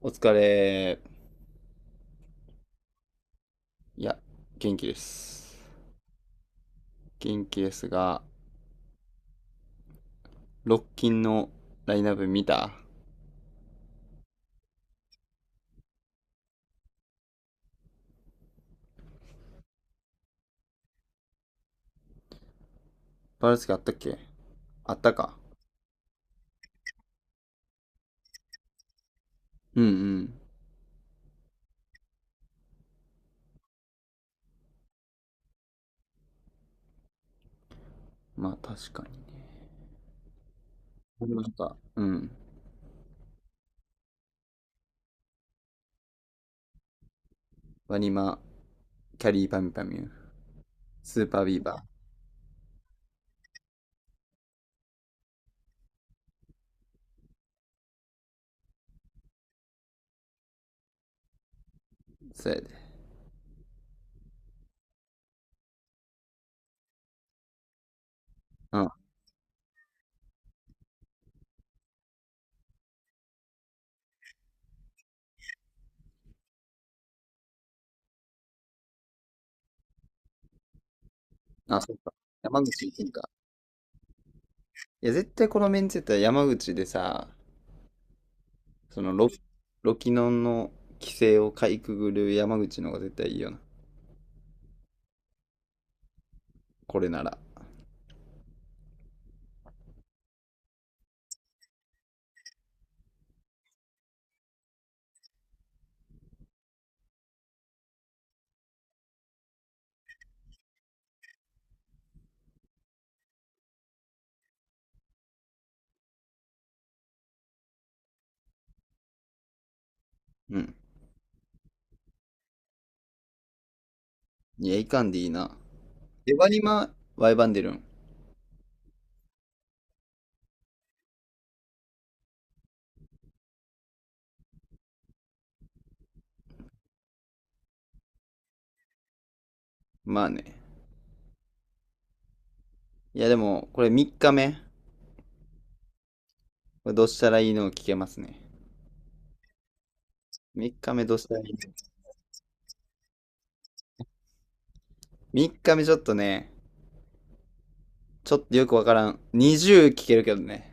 お疲れ。いや、元気です。元気ですが、ロッキンのラインナップ見た。バルスケあったっけ？あったか。うんうん。まあ確かにね。なんか、うん。ワニマ、キャリーパミュパミュ、スーパービーバー、そうやで。うん。あ、そっか。山口行くんか？いや、絶対このメンツやったら山口でさ、そのロ、ロキノンの規制をかいくぐる山口の方が絶対いいよな。これなら。うん。いや、いかんでいいな。エバニマ、ワイバンデルン。まあね。いやでも、これ3日目。これどうしたらいいのを聞けますね。3日目どうしたらいいの？ 3 日目ちょっとね、ちょっとよくわからん。20聞けるけどね。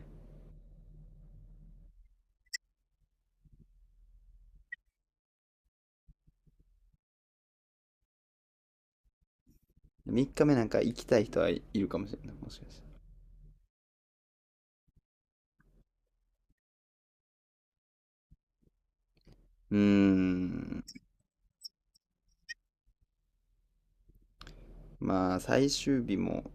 3日目なんか行きたい人はいるかもしれない。もしかして。うーん。まあ、最終日も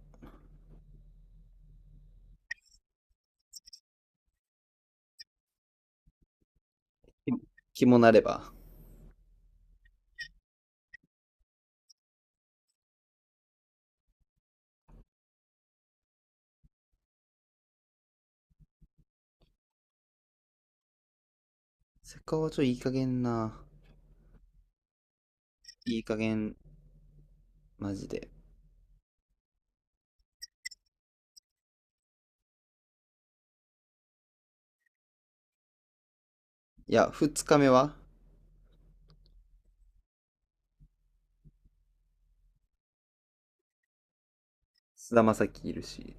気もなれば。せっかくはちょっといい加減な。いい加減、マジで。いや、2日目は菅田将暉いるし。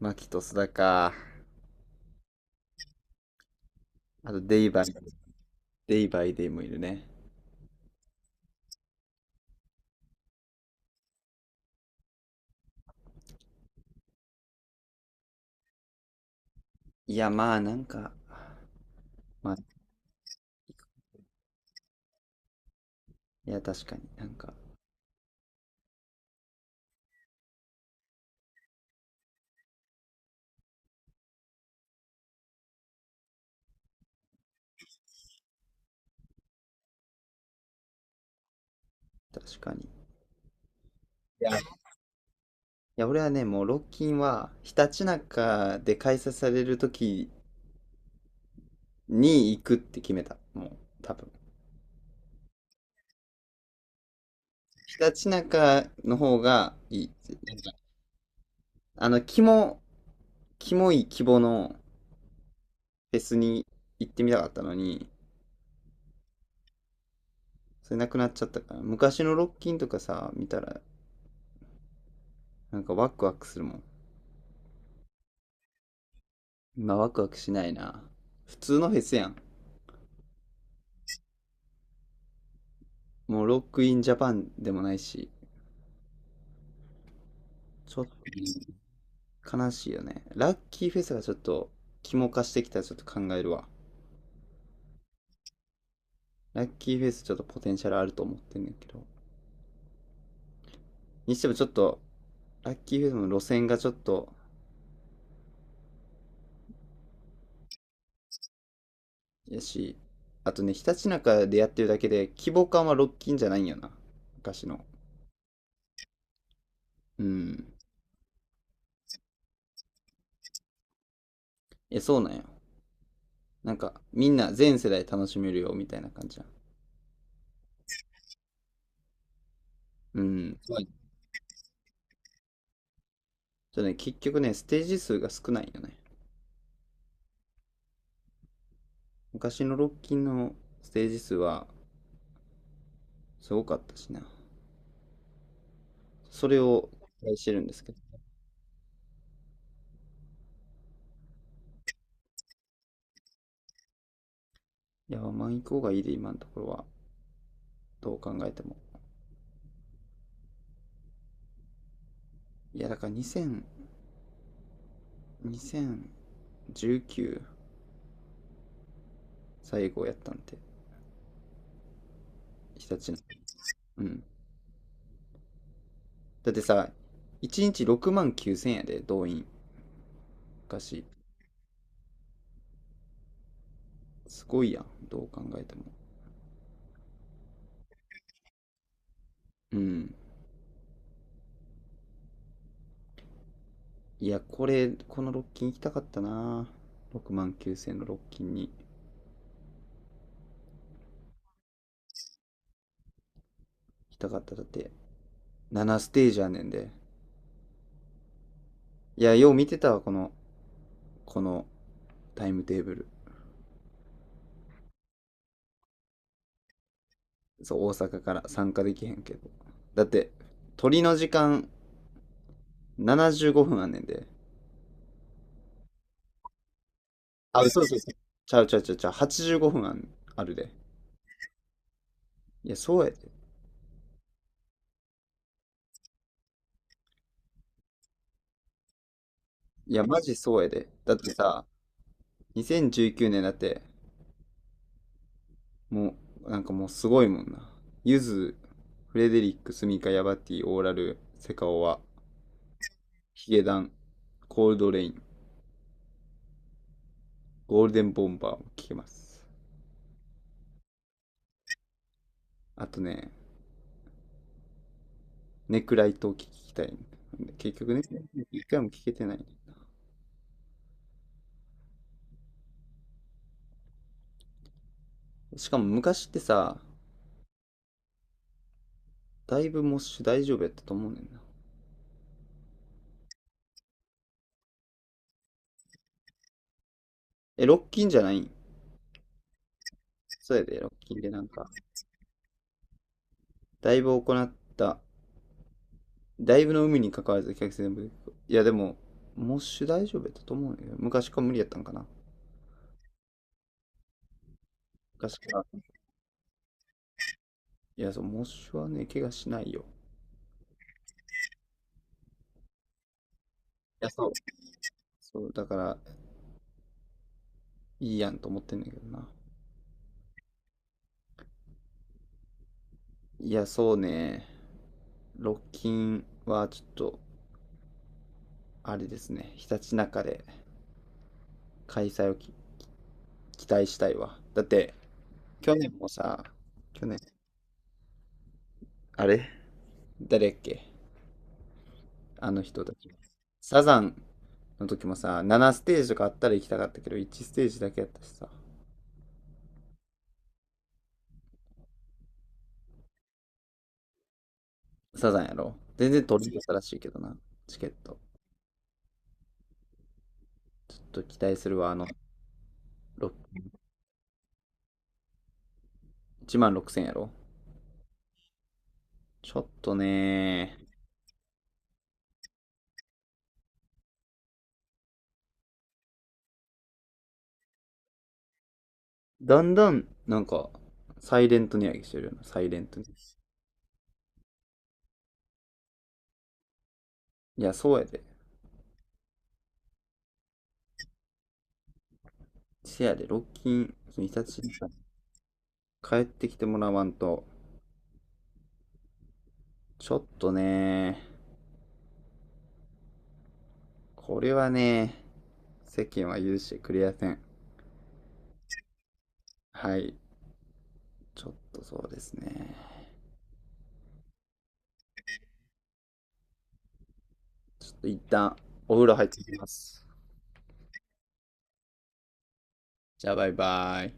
牧と須田か。あと、デイバイデイもいるね。いや、まあ、なんか、まあ、いや、確かに、なんか、確かに。いやいや、俺はね、もう、ロッキンは、ひたちなかで開催されるときに行くって決めた。もう、多分。ひたちなかの方がいい。あの、キモい規模のフェスに行ってみたかったのに、それなくなっちゃったから。昔のロッキンとかさ、見たら、なんかワクワクするもん。今ワクワクしないな。普通のフェスやん。もうロックインジャパンでもないし、ちょっと悲しいよね。ラッキーフェスがちょっと、肝化してきたらちょっと考えるわ。ラッキーフェスちょっとポテンシャルあると思ってんねんけど。にしてもちょっと、ラッキーフェスの路線がちょっと、やし、あとね、ひたちなかでやってるだけで、規模感はロッキンじゃないんよな。昔の。うん。え、そうなんよ。なんか、みんな全世代楽しめるよ、みたいな感じや。うん。はい。ちょっとね、結局ね、ステージ数が少ないよね。昔のロッキンのステージ数はすごかったしな。それを期待してるんですけど。いや、まあ行こうがいいで、今のところは。どう考えても。いや、だから2000、2019最後やったんで、日立の。うん。だってさ、1日6万9000円やで、動員。昔。すごいやん、どう考えても。うん。いや、これ、このロッキン行きたかったな。6万9000のロッキンに行きたかった。だって、7ステージやねんで。いや、よう見てたわ、このタイムテーブル。そう、大阪から参加できへんけど。だって、鳥の時間75分あんねんで。あ、そうそうそう。ちゃうちゃうちゃうちゃう、85分あるで。いや、そうやで。いや、マジそうやで。だってさ、2019年だって、もう、なんかもうすごいもんな。ゆず、フレデリック、スミカ、ヤバティ、オーラル、セカオワ、ヒゲダン、コールドレイン、ゴールデンボンバーも聴けます。あとね、ネクライトを聴きたい。結局ね、一回も聴けてない。しかも昔ってさ、だいぶモッシュ大丈夫やったと思うねんな。え、ロッキンじゃないん？そうやで、ロッキンでなんか、だいぶ行った、だいぶの海に関わらず客全部。いやでも、モッシュ大丈夫やったと思うねんけ昔から無理やったんかな。昔から。いや、そう、モッシュはね、怪我しないよ。いや、そう。そう、だから、いいやんと思ってんだけどな。いや、そうね。ロッキンはちょっと、あれですね、ひたちなかで開催を期待したいわ。だって、去年もさ、去年、あれ誰やっけ？あの人たち。サザンの時もさ、7ステージとかあったら行きたかったけど、1ステージだけやったしさ、サザンやろ全然取り入れたらしいけどな、チケット。ちょっと期待するわ、あの、ろ1万6000やろ。ちょっとね。だんだん、なんか、サイレント値上げしてるよな、サイレント値上げ。いや、そうやで。せやで、ロッキン、日立に帰ってきてもらわんと。ちょっとね、これはね、世間は許してくれやせん。はい。ちょっとそうですね。ちょっと一旦お風呂入ってきます。じゃあバイバイ。